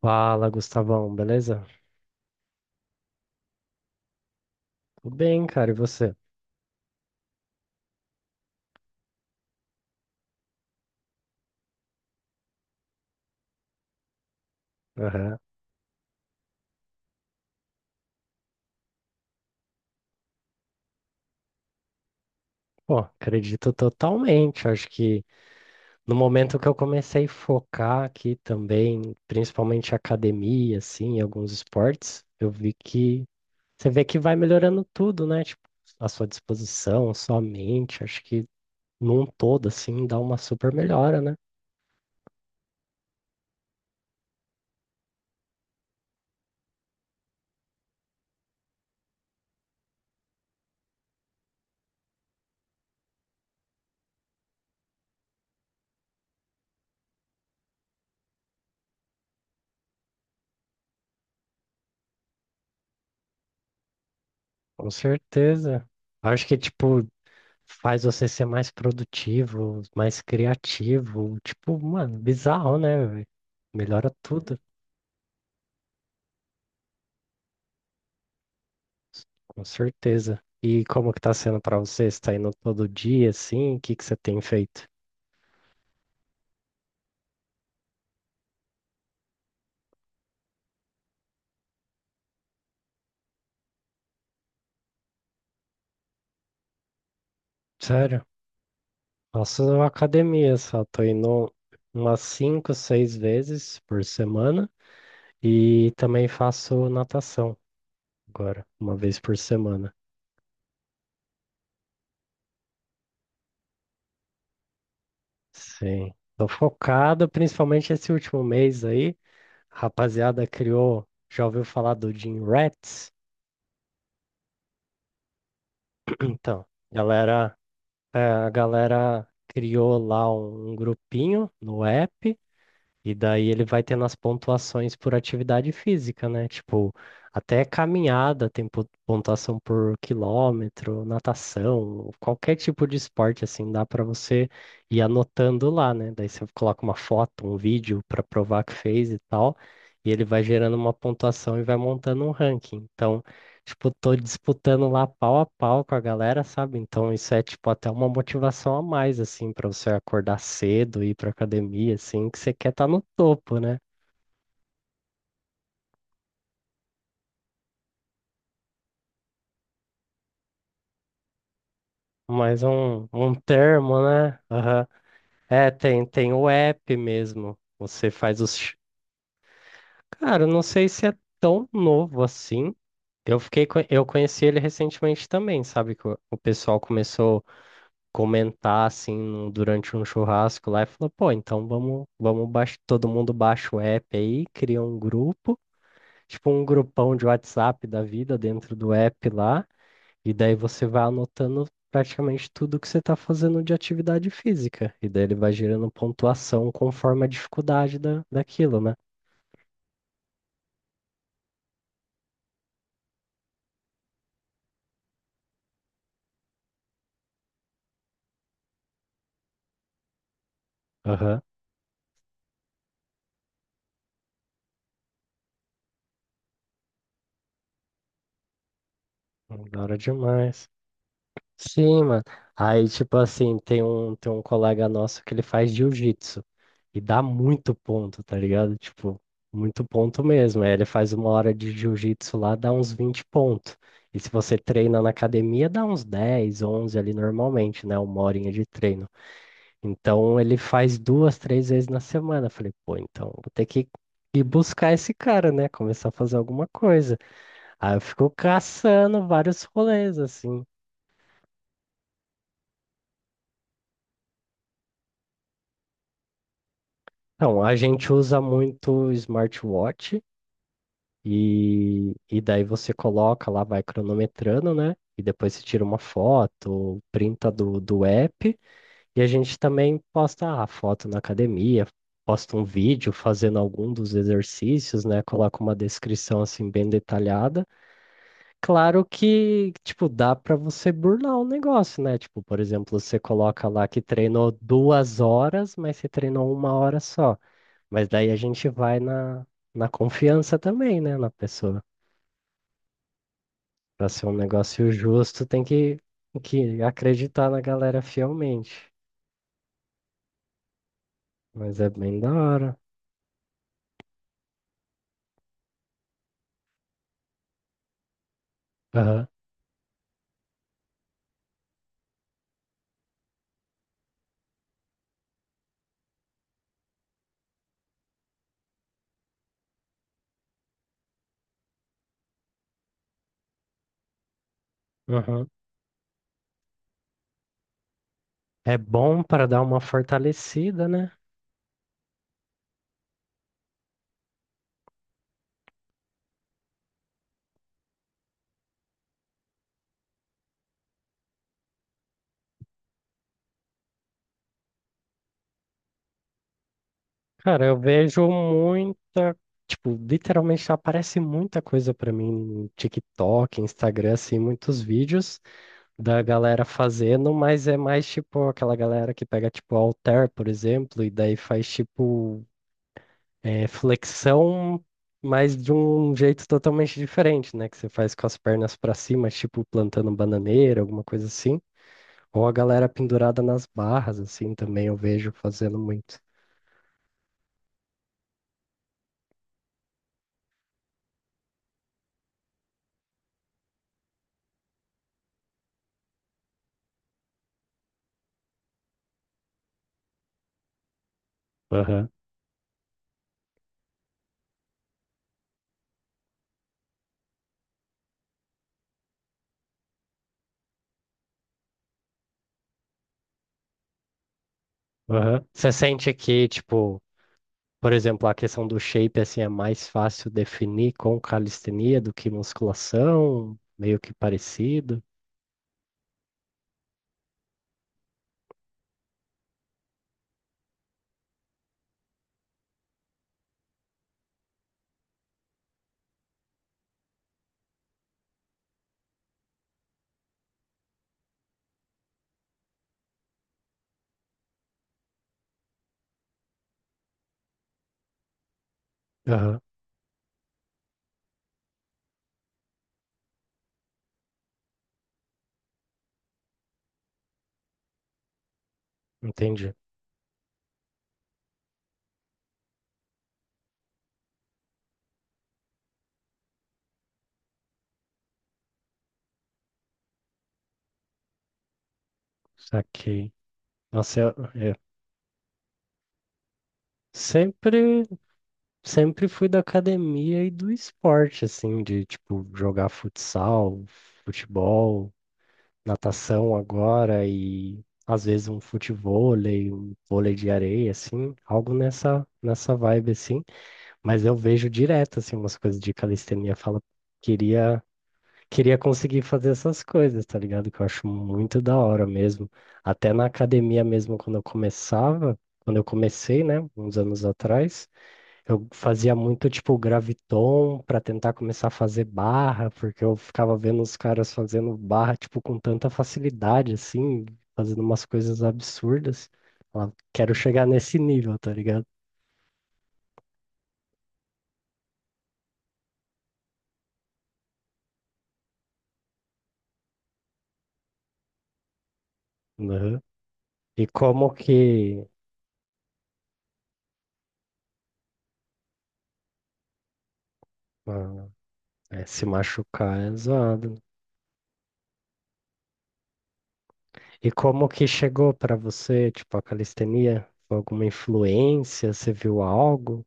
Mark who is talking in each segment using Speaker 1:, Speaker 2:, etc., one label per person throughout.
Speaker 1: Fala, Gustavão, beleza? Tudo bem, cara, e você? Aham. Pô, acredito totalmente. Acho que no momento que eu comecei a focar aqui também, principalmente academia, assim, e alguns esportes, eu vi que você vê que vai melhorando tudo, né? Tipo, a sua disposição, a sua mente, acho que num todo, assim, dá uma super melhora, né? Com certeza. Acho que, tipo, faz você ser mais produtivo, mais criativo. Tipo, mano, bizarro, né? Velho? Melhora tudo, com certeza. E como que tá sendo pra você? Você tá indo todo dia, assim? O que que você tem feito? Sério? Faço academia só, tô indo umas 5, 6 vezes por semana e também faço natação agora, uma vez por semana. Sim. Tô focado, principalmente esse último mês aí. Rapaziada criou, já ouviu falar do Gym Rats? Então, galera, é, a galera criou lá um grupinho no app e daí ele vai tendo as pontuações por atividade física, né? Tipo, até caminhada tem pontuação por quilômetro, natação, qualquer tipo de esporte assim, dá pra você ir anotando lá, né? Daí você coloca uma foto, um vídeo pra provar que fez e tal, e ele vai gerando uma pontuação e vai montando um ranking. Então, tipo, tô disputando lá pau a pau com a galera, sabe? Então isso é, tipo, até uma motivação a mais, assim, pra você acordar cedo, ir pra academia, assim, que você quer estar no topo, né? Mais um termo, né? Aham. É, tem o app mesmo. Você faz os. Ch- Cara, eu não sei se é tão novo assim. Eu conheci ele recentemente também, sabe? Que o pessoal começou comentar assim durante um churrasco lá e falou, pô, então todo mundo baixa o app aí, cria um grupo, tipo um grupão de WhatsApp da vida dentro do app lá, e daí você vai anotando praticamente tudo que você tá fazendo de atividade física, e daí ele vai gerando pontuação conforme a dificuldade daquilo, né? Aham. Da hora demais. Sim, mano. Aí, tipo assim, tem um colega nosso que ele faz jiu-jitsu. E dá muito ponto, tá ligado? Tipo, muito ponto mesmo. Aí ele faz uma hora de jiu-jitsu lá, dá uns 20 pontos. E se você treina na academia, dá uns 10, 11 ali normalmente, né? Uma horinha de treino. Então ele faz 2, 3 vezes na semana. Eu falei, pô, então vou ter que ir buscar esse cara, né? Começar a fazer alguma coisa. Aí eu fico caçando vários rolês, assim. Então, a gente usa muito smartwatch. E daí você coloca lá, vai cronometrando, né? E depois você tira uma foto, printa do app. E a gente também posta a foto na academia, posta um vídeo fazendo algum dos exercícios, né? Coloca uma descrição assim bem detalhada. Claro que, tipo, dá para você burlar o negócio, né? Tipo, por exemplo, você coloca lá que treinou 2 horas, mas você treinou uma hora só. Mas daí a gente vai na confiança também, né? Na pessoa. Pra ser um negócio justo, tem que acreditar na galera fielmente. Mas é bem da hora. Aham, aham. É bom para dar uma fortalecida, né? Cara, eu vejo muita. Tipo, literalmente aparece muita coisa pra mim no TikTok, Instagram, assim, muitos vídeos da galera fazendo, mas é mais tipo aquela galera que pega, tipo, halter, por exemplo, e daí faz tipo é flexão, mas de um jeito totalmente diferente, né? Que você faz com as pernas para cima, tipo plantando bananeira, alguma coisa assim. Ou a galera pendurada nas barras, assim, também eu vejo fazendo muito. Aham, aham. Você sente que, tipo, por exemplo, a questão do shape, assim, é mais fácil definir com calistenia do que musculação? Meio que parecido? Aham, entendi. Saquei. Nossa, eu sempre. Sempre fui da academia e do esporte, assim, de tipo jogar futsal, futebol, natação agora e às vezes um futevôlei, um vôlei de areia, assim, algo nessa vibe, assim. Mas eu vejo direto, assim, umas coisas de calistenia, falo, queria queria conseguir fazer essas coisas, tá ligado? Que eu acho muito da hora mesmo. Até na academia mesmo, quando eu começava, quando eu comecei, né, uns anos atrás. Eu fazia muito tipo graviton para tentar começar a fazer barra, porque eu ficava vendo os caras fazendo barra tipo com tanta facilidade assim, fazendo umas coisas absurdas. Falava, quero chegar nesse nível, tá ligado? Aham. E como que ah, é, se machucar é zoado. Né? E como que chegou para você, tipo a calistenia? Foi alguma influência? Você viu algo?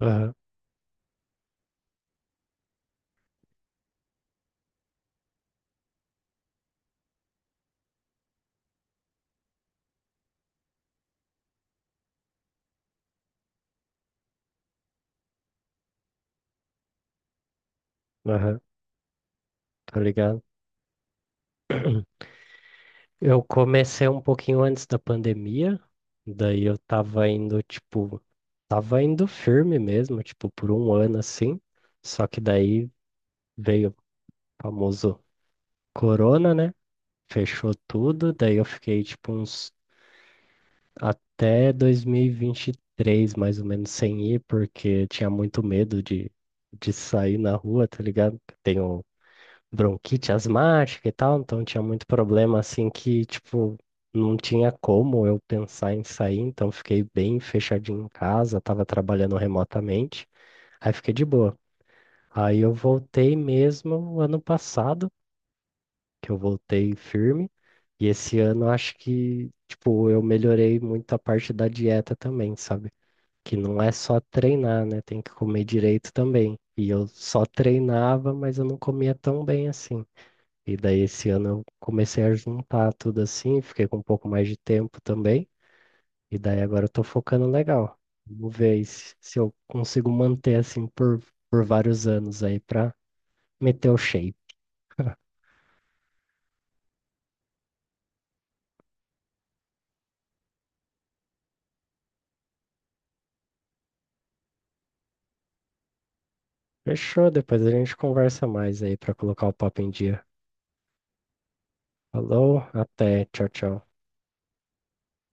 Speaker 1: Aham, aham, tá ligado? Eu comecei um pouquinho antes da pandemia, daí eu tava indo, tipo, tava indo firme mesmo, tipo, por um ano assim. Só que daí veio o famoso corona, né? Fechou tudo, daí eu fiquei, tipo, uns até dois mil e vinte e três, mais ou menos, sem ir, porque tinha muito medo de sair na rua, tá ligado? Tenho bronquite asmática e tal, então tinha muito problema assim que, tipo, não tinha como eu pensar em sair, então fiquei bem fechadinho em casa, tava trabalhando remotamente, aí fiquei de boa. Aí eu voltei mesmo ano passado, que eu voltei firme, e esse ano eu acho que, tipo, eu melhorei muito a parte da dieta também, sabe? Que não é só treinar, né? Tem que comer direito também. E eu só treinava, mas eu não comia tão bem assim. E daí esse ano eu comecei a juntar tudo assim, fiquei com um pouco mais de tempo também. E daí agora eu tô focando legal. Vamos ver aí se eu consigo manter assim por vários anos aí pra meter o shape. Fechou, depois a gente conversa mais aí pra colocar o papo em dia. Falou, até, tchau, tchau.